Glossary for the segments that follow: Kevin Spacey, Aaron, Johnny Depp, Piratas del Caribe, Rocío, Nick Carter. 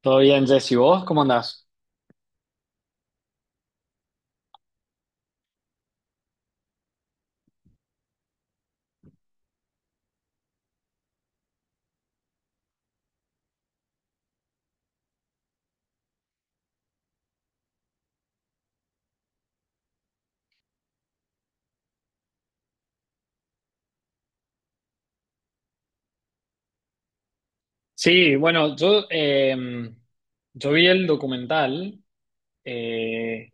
Todo bien, Jesse. ¿Vos cómo andás? Sí, bueno, yo vi el documental, eh,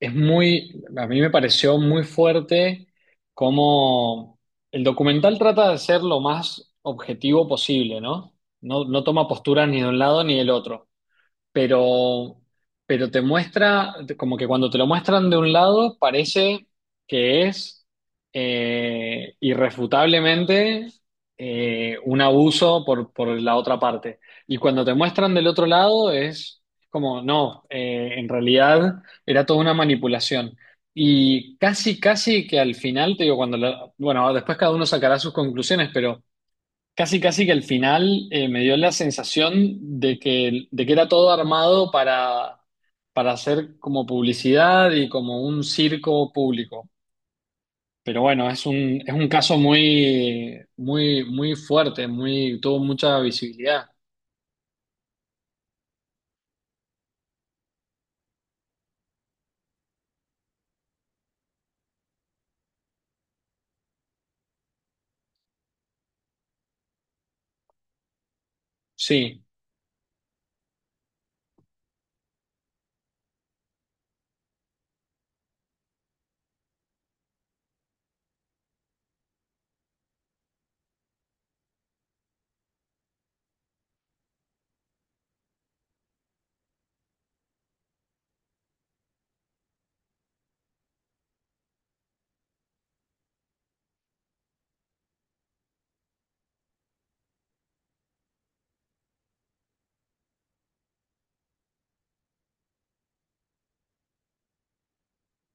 es muy, a mí me pareció muy fuerte cómo el documental trata de ser lo más objetivo posible, ¿no? No toma postura ni de un lado ni del otro. pero, pero te muestra, como que cuando te lo muestran de un lado, parece que es irrefutablemente un abuso por la otra parte. Y cuando te muestran del otro lado, es como, no, en realidad era toda una manipulación. Y casi que al final, te digo, bueno, después cada uno sacará sus conclusiones, pero... Casi que al final me dio la sensación de que era todo armado para hacer como publicidad y como un circo público. Pero bueno, es un caso muy, muy, muy fuerte, muy, tuvo mucha visibilidad. Sí,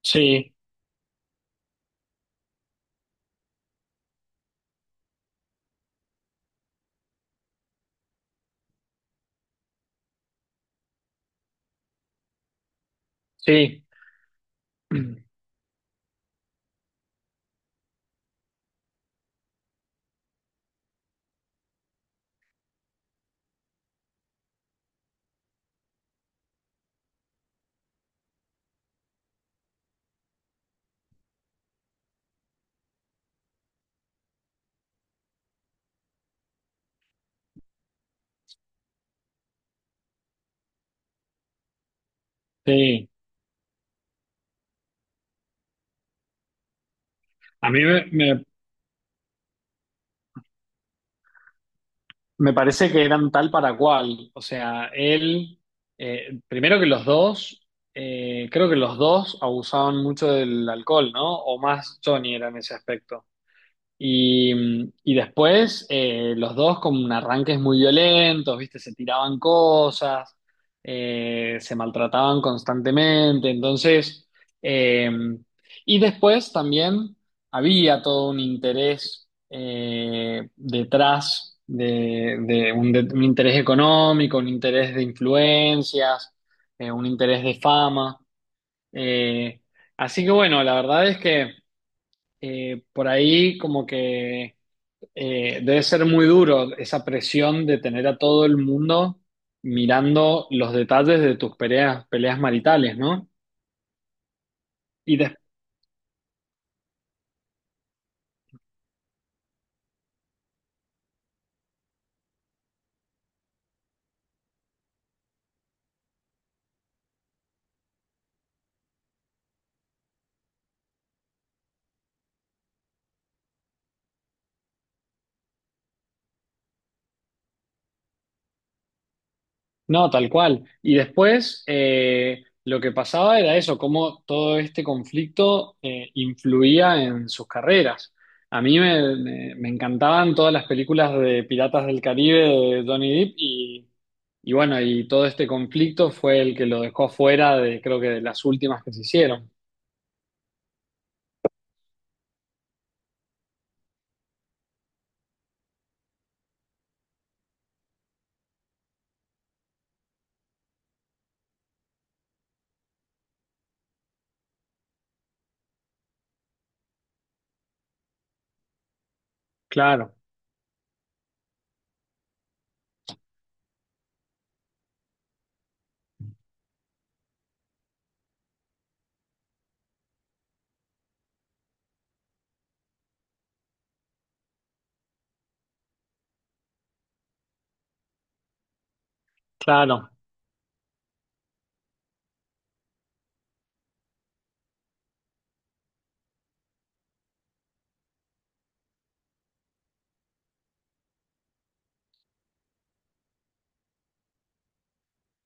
sí, sí, sí. A mí me, me- Me parece que eran tal para cual. O sea, primero que los dos, creo que los dos abusaban mucho del alcohol, ¿no? O más Johnny era en ese aspecto. Y, y después los dos con arranques muy violentos, ¿viste? Se tiraban cosas, se maltrataban constantemente. Entonces, eh, y después también había todo un interés detrás un interés económico, un interés de influencias, un interés de fama. Eh, Así que bueno, la verdad es que por ahí como que debe ser muy duro esa presión de tener a todo el mundo mirando los detalles de tus peleas, peleas maritales, ¿no? Y des- no, tal cual. Y después lo que pasaba era eso, cómo todo este conflicto influía en sus carreras. A mí me, me- Me encantaban todas las películas de Piratas del Caribe de Johnny Depp y bueno, y todo este conflicto fue el que lo dejó fuera de, creo que de las últimas que se hicieron. Claro. Claro.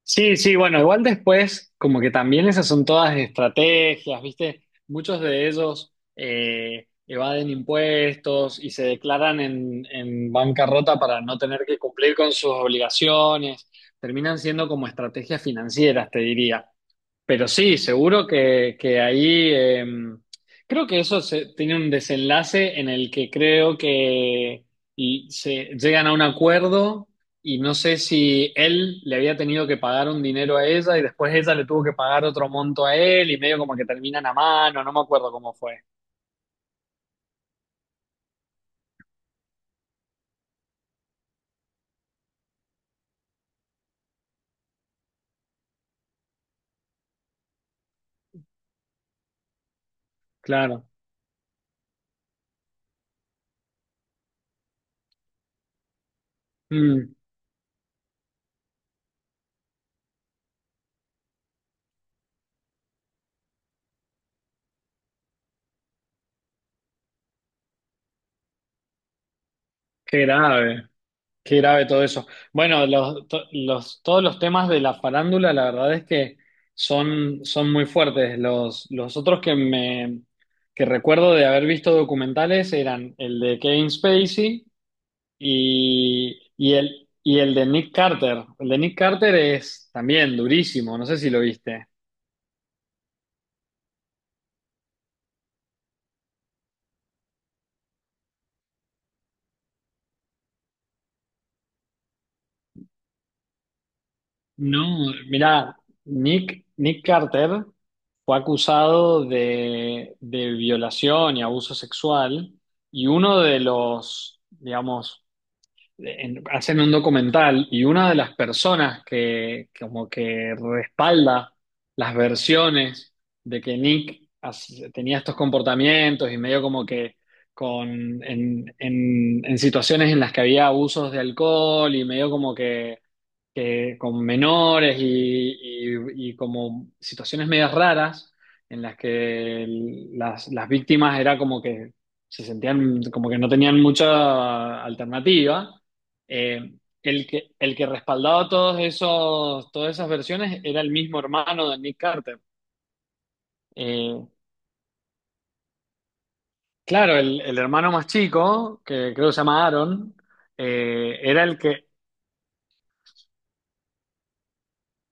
Sí, sí, bueno, igual después, como que también esas son todas estrategias, ¿viste? Muchos de ellos evaden impuestos y se declaran en bancarrota para no tener que cumplir con sus obligaciones. Terminan siendo como estrategias financieras, te diría. Pero sí, seguro que ahí creo que tiene un desenlace en el que creo que y se llegan a un acuerdo y no sé si él le había tenido que pagar un dinero a ella y después ella le tuvo que pagar otro monto a él y medio como que terminan a mano, no me acuerdo cómo fue. Claro. Mm, qué grave. Qué grave todo eso. Bueno, todos los temas de la farándula, la verdad es que son, son muy fuertes. Los otros que recuerdo de haber visto documentales eran el de Kevin Spacey y el de Nick Carter. El de Nick Carter es también durísimo, no sé si lo viste. No, mira, Nick Carter fue acusado de violación y abuso sexual y uno de los, digamos, hacen un documental y una de las personas que como que respalda las versiones de que Nick tenía estos comportamientos y medio como que en situaciones en las que había abusos de alcohol y medio como que con menores y como situaciones medias raras en las que las víctimas era como que se sentían como que no tenían mucha alternativa. Eh, el que respaldaba todos esos, todas esas versiones era el mismo hermano de Nick Carter. Eh, claro, el hermano más chico, que creo que se llama Aaron, eh, era el que,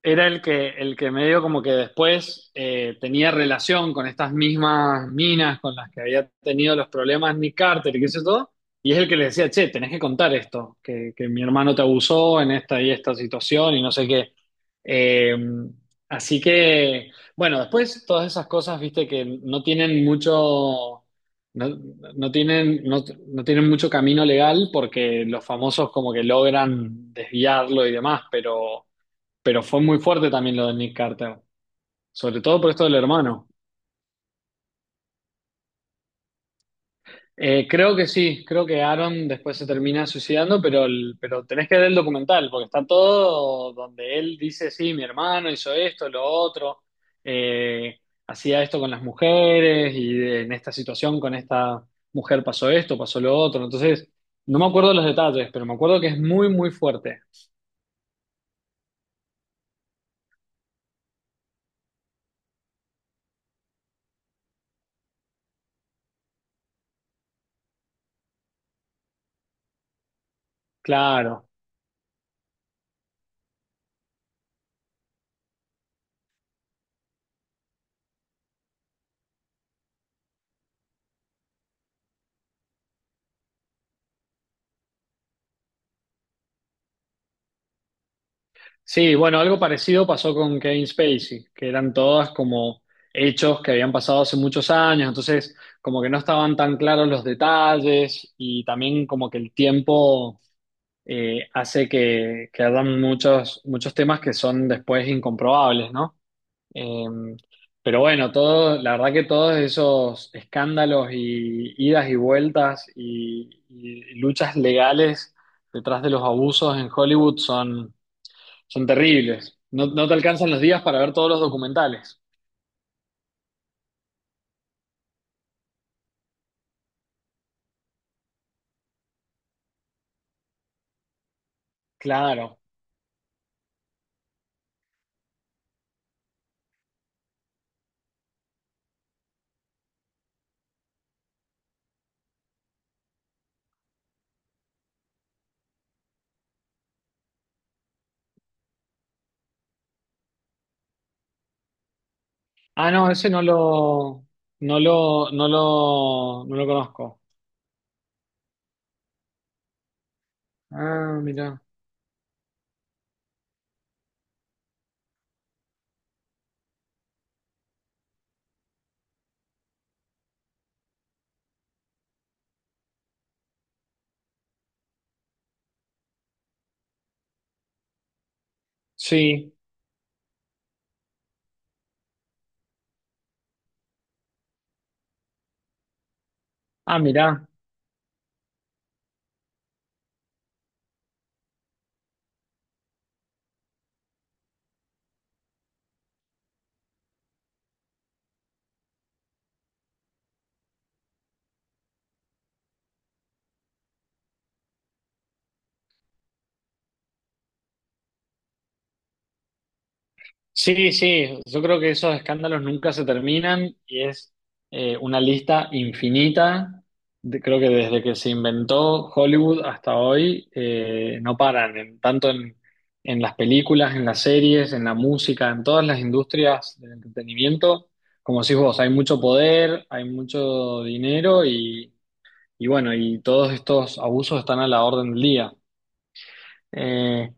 era el que medio como que después tenía relación con estas mismas minas con las que había tenido los problemas Nick Carter y qué sé todo, y es el que le decía, che, tenés que contar esto, que mi hermano te abusó en esta y esta situación y no sé qué. Eh, Así que, bueno, después todas esas cosas, viste, que no tienen mucho, no, no tienen mucho camino legal porque los famosos como que logran desviarlo y demás, pero... Pero fue muy fuerte también lo de Nick Carter, sobre todo por esto del hermano. Creo que sí, creo que Aaron después se termina suicidando, pero, pero tenés que ver el documental, porque está todo donde él dice, sí, mi hermano hizo esto, lo otro, eh, hacía esto con las mujeres y en esta situación con esta mujer pasó esto, pasó lo otro. Entonces, no me acuerdo los detalles, pero me acuerdo que es muy, muy fuerte. Claro. Sí, bueno, algo parecido pasó con Kevin Spacey, que eran todas como hechos que habían pasado hace muchos años, entonces como que no estaban tan claros los detalles y también como que el tiempo hace que hagan muchos, muchos temas que son después incomprobables, ¿no? Eh, pero bueno, todo, la verdad que todos esos escándalos y idas y vueltas y luchas legales detrás de los abusos en Hollywood son son terribles. No, no te alcanzan los días para ver todos los documentales. Claro. Ah, no, ese no lo conozco. Ah, mira. Sí. Ah, mira. Sí, sí, yo creo que esos escándalos nunca se terminan y es una lista infinita. Creo que desde que se inventó Hollywood hasta hoy no paran, tanto en las películas, en las series, en la música, en todas las industrias del entretenimiento. Como decís vos, hay mucho poder, hay mucho dinero y bueno, y todos estos abusos están a la orden del día. Eh,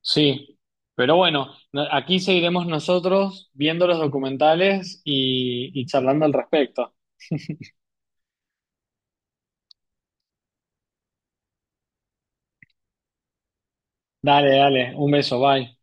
Sí, pero bueno, aquí seguiremos nosotros viendo los documentales y charlando al respecto. Dale, dale, un beso, bye.